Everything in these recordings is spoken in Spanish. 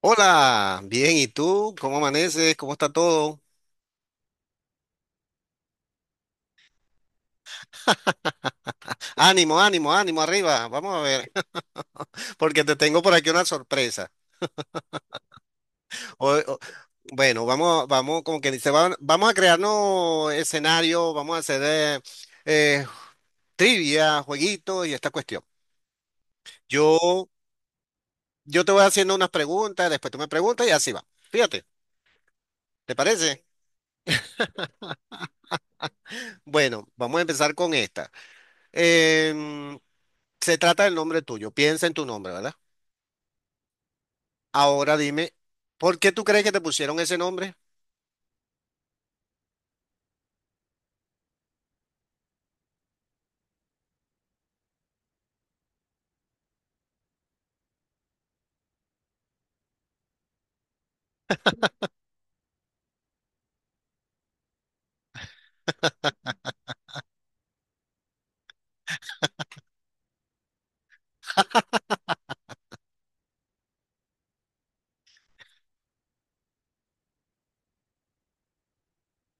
Hola, bien, ¿y tú? ¿Cómo amaneces? ¿Cómo está todo? Ánimo, ánimo, ánimo, arriba. Vamos a ver, porque te tengo por aquí una sorpresa. Hoy- o- bueno, vamos, vamos, como que dice, vamos a crearnos escenario, vamos a hacer eh, trivia, jueguito y esta cuestión. Yo, yo te voy haciendo unas preguntas, después tú me preguntas y así va. Fíjate, ¿te parece? Bueno, vamos a empezar con esta. Em, Se trata del nombre tuyo. Piensa en tu nombre, ¿verdad? Ahora dime, ¿por qué tú crees que te pusieron ese nombre?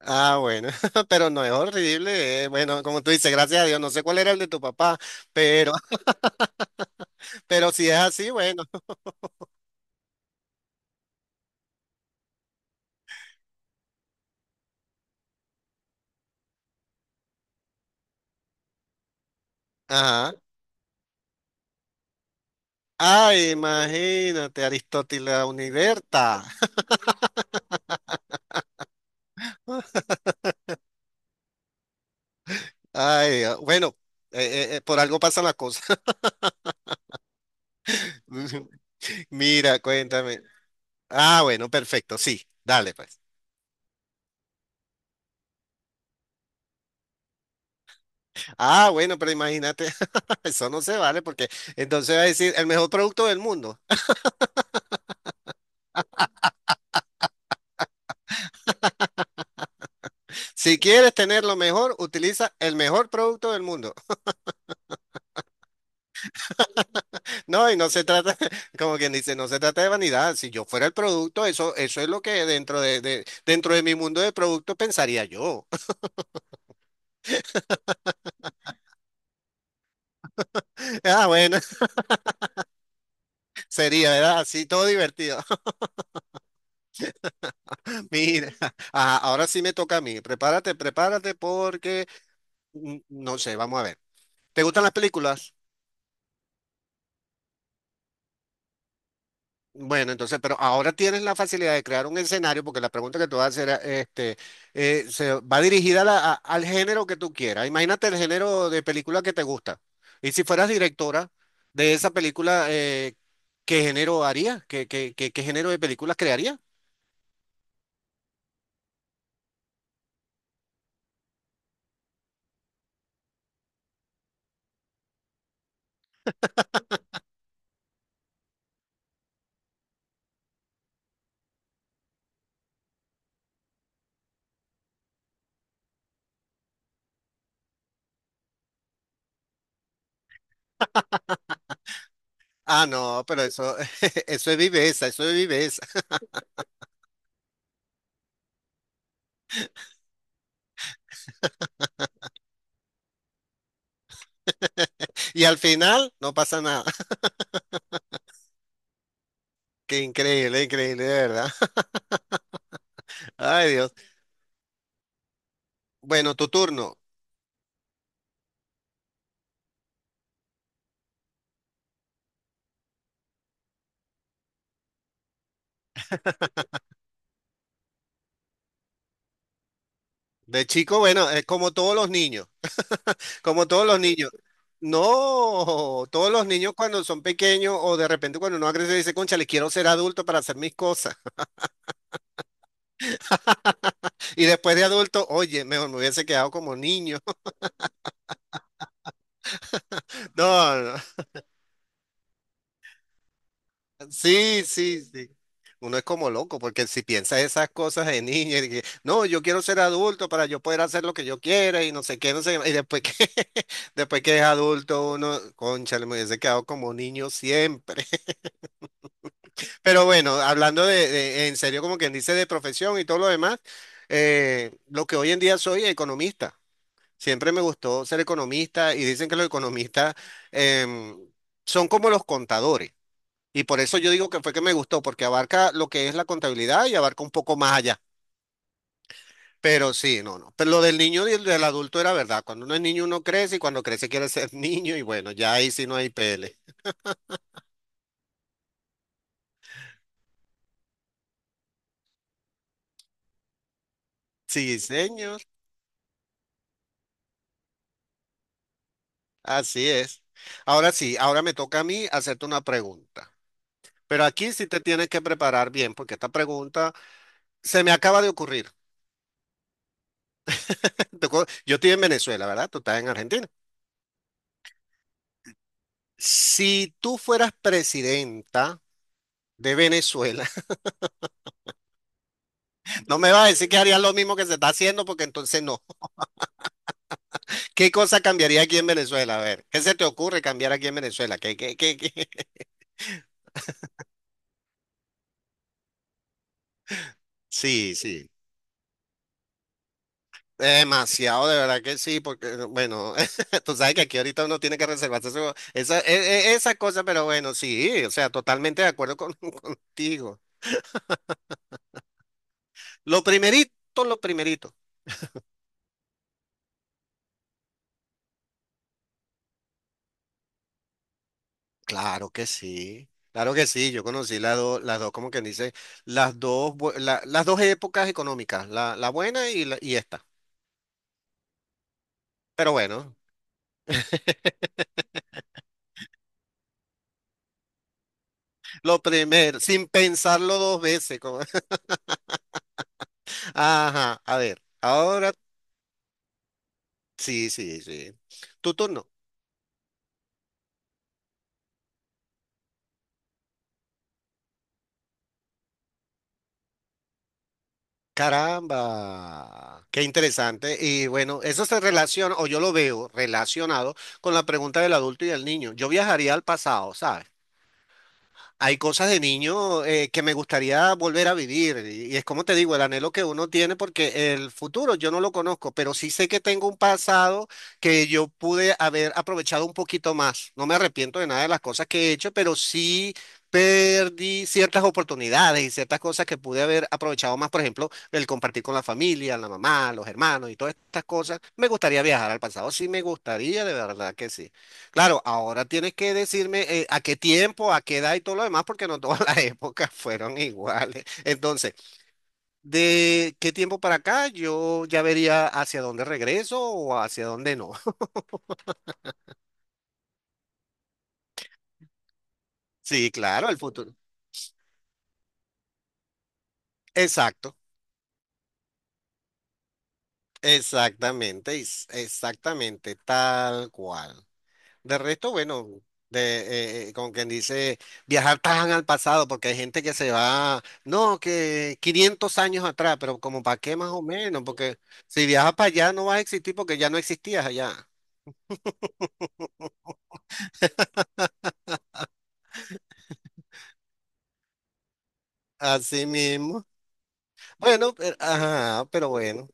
Ah, bueno, pero no es horrible. Bueno, como tú dices, gracias a Dios, no sé cuál era el de tu papá, pero, pero si es así, bueno. Ajá. Ah, imagínate, Aristóteles Univerta. Ay, ah, bueno, por algo pasan las cosas. Mira, cuéntame. Ah, bueno, perfecto, sí, dale pues. Ah, bueno, pero imagínate, eso no se vale porque entonces va a decir el mejor producto del mundo. Si quieres tener lo mejor, utiliza el mejor producto del mundo. No, y no se trata, como quien dice, no se trata de vanidad. Si yo fuera el producto, eso es lo que dentro de mi mundo de productos pensaría yo. Ah, bueno, sería, ¿verdad? Así todo divertido. Mira, ajá, ahora sí me toca a mí. Prepárate, prepárate porque, mm, no sé, vamos a ver. ¿Te gustan las películas? Bueno, entonces, pero ahora tienes la facilidad de crear un escenario, porque la pregunta que te voy a hacer, se va dirigida a al género que tú quieras. Imagínate el género de película que te gusta. Y si fueras directora de esa película, ¿qué género harías? ¿ qué género de películas crearías? Ah, no, pero eso, eso es viveza, eso es viveza. Y al final no pasa nada. Qué increíble, increíble, de verdad. Ay, Dios. Bueno, tu turno. De chico, bueno, es como todos los niños. Como todos los niños. No, todos los niños cuando son pequeños o de repente cuando uno crece dice, concha, le quiero ser adulto para hacer mis cosas. Y después de adulto, oye, mejor me hubiese quedado como niño. No, no. Sí, sí, sí. Uno es como loco porque si piensa esas cosas de niño, y que, no, yo quiero ser adulto para yo poder hacer lo que yo quiera y no sé qué, no sé qué. Y después que, después que es adulto, uno, concha, me hubiese quedado como niño siempre. Pero bueno, en serio, como quien dice, de profesión y todo lo demás, lo que hoy en día soy, economista. Siempre me gustó ser economista y dicen que los economistas em, son como los contadores. Y por eso yo digo que fue que me gustó, porque abarca lo que es la contabilidad y abarca un poco más allá. Pero sí, no, no. Pero lo del niño y el del adulto era verdad. Cuando uno es niño, uno crece y cuando crece quiere ser niño y bueno, ya ahí sí no hay pele. Sí, señor. Así es. Ahora sí, ahora me toca a mí hacerte una pregunta. Pero aquí sí te tienes que preparar bien, porque esta pregunta se me acaba de ocurrir. Yo estoy en Venezuela, ¿verdad? Tú estás en Argentina. Si tú fueras presidenta de Venezuela, no me vas a decir que harías lo mismo que se está haciendo, porque entonces no. ¿Qué cosa cambiaría aquí en Venezuela? A ver, ¿qué se te ocurre cambiar aquí en Venezuela? ¿Qué? Sí, sí. Demasiado, de verdad que sí, porque, bueno, tú sabes que aquí ahorita uno tiene que esa, esa cosa, pero bueno, sí, o sea, totalmente de acuerdo con- contigo. Lo primerito, lo primerito. Claro que sí, yo conocí las dos, como quien dice, las dos épocas económicas, la buena y esta. Pero bueno, lo primero, sin pensarlo dos veces. Ajá, a ver, ahora sí, sí, sí. Tu turno. Caramba, qué interesante. Y bueno, eso se relaciona, o yo lo veo relacionado con la pregunta del adulto y del niño. Yo viajaría al pasado, ¿sabes? Hay cosas de niño que me gustaría volver a vivir. Y es como te digo, el anhelo que uno tiene, porque el futuro yo no lo conozco, pero sí sé que tengo un pasado que yo pude haber aprovechado un poquito más. No me arrepiento de nada de las cosas que he hecho, pero sí perdí ciertas oportunidades y ciertas cosas que pude haber aprovechado más. Por ejemplo, el compartir con la familia, la mamá, los hermanos y todas estas cosas. Me gustaría viajar al pasado. Sí, me gustaría, de verdad que sí. Claro, ahora tienes que decirme a qué tiempo, a qué edad y todo lo demás, porque no todas las épocas fueron iguales. Entonces, ¿de qué tiempo para acá? Yo ya vería hacia dónde regreso o hacia dónde no. Sí, claro, el futuro. Exacto, exactamente, exactamente, tal cual. De resto, bueno, de, como quien dice, viajar tan al pasado, porque hay gente que se va, no, que 500 años atrás, pero como para qué más o menos, porque si viajas para allá no vas a existir porque ya no existías allá. Así mismo. Bueno, pero, ajá, pero bueno.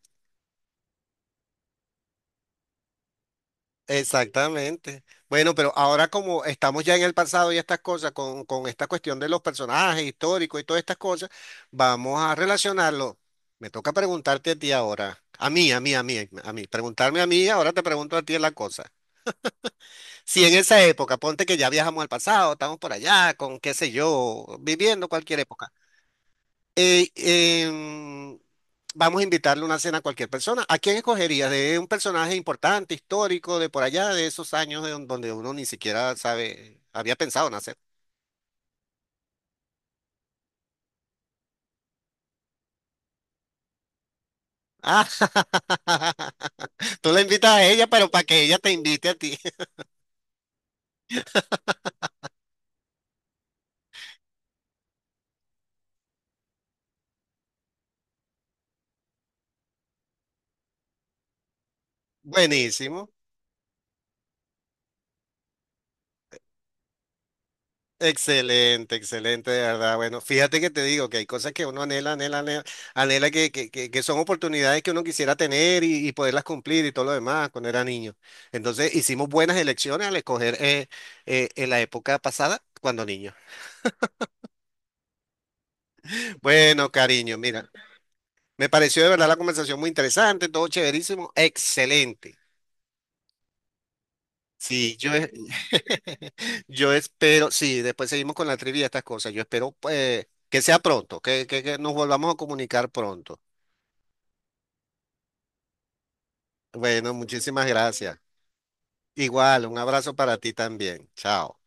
Exactamente. Bueno, pero ahora como estamos ya en el pasado y estas cosas, con esta cuestión de los personajes históricos y todas estas cosas, vamos a relacionarlo. Me toca preguntarte a ti ahora, preguntarme a mí, ahora te pregunto a ti la cosa. Si en esa época, ponte que ya viajamos al pasado, estamos por allá, con qué sé yo, viviendo cualquier época. Eh, em, vamos a invitarle una cena a cualquier persona. ¿A quién escogerías? De un personaje importante, histórico, de por allá, de esos años de donde uno ni siquiera sabe, había pensado nacer. Ah, tú la invitas a ella, pero para que ella te invite a ti. Buenísimo. Excelente, excelente, de verdad. Bueno, fíjate que te digo que hay cosas que uno anhela, anhela, anhela, anhela que son oportunidades que uno quisiera tener y poderlas cumplir y todo lo demás cuando era niño. Entonces hicimos buenas elecciones al escoger en la época pasada cuando niño. Bueno, cariño, mira, me pareció de verdad la conversación muy interesante, todo chéverísimo, excelente. Sí, yo, yo espero, sí, después seguimos con la trivia y estas cosas. Yo espero pues, que, sea pronto, que nos volvamos a comunicar pronto. Bueno, muchísimas gracias. Igual, un abrazo para ti también. Chao.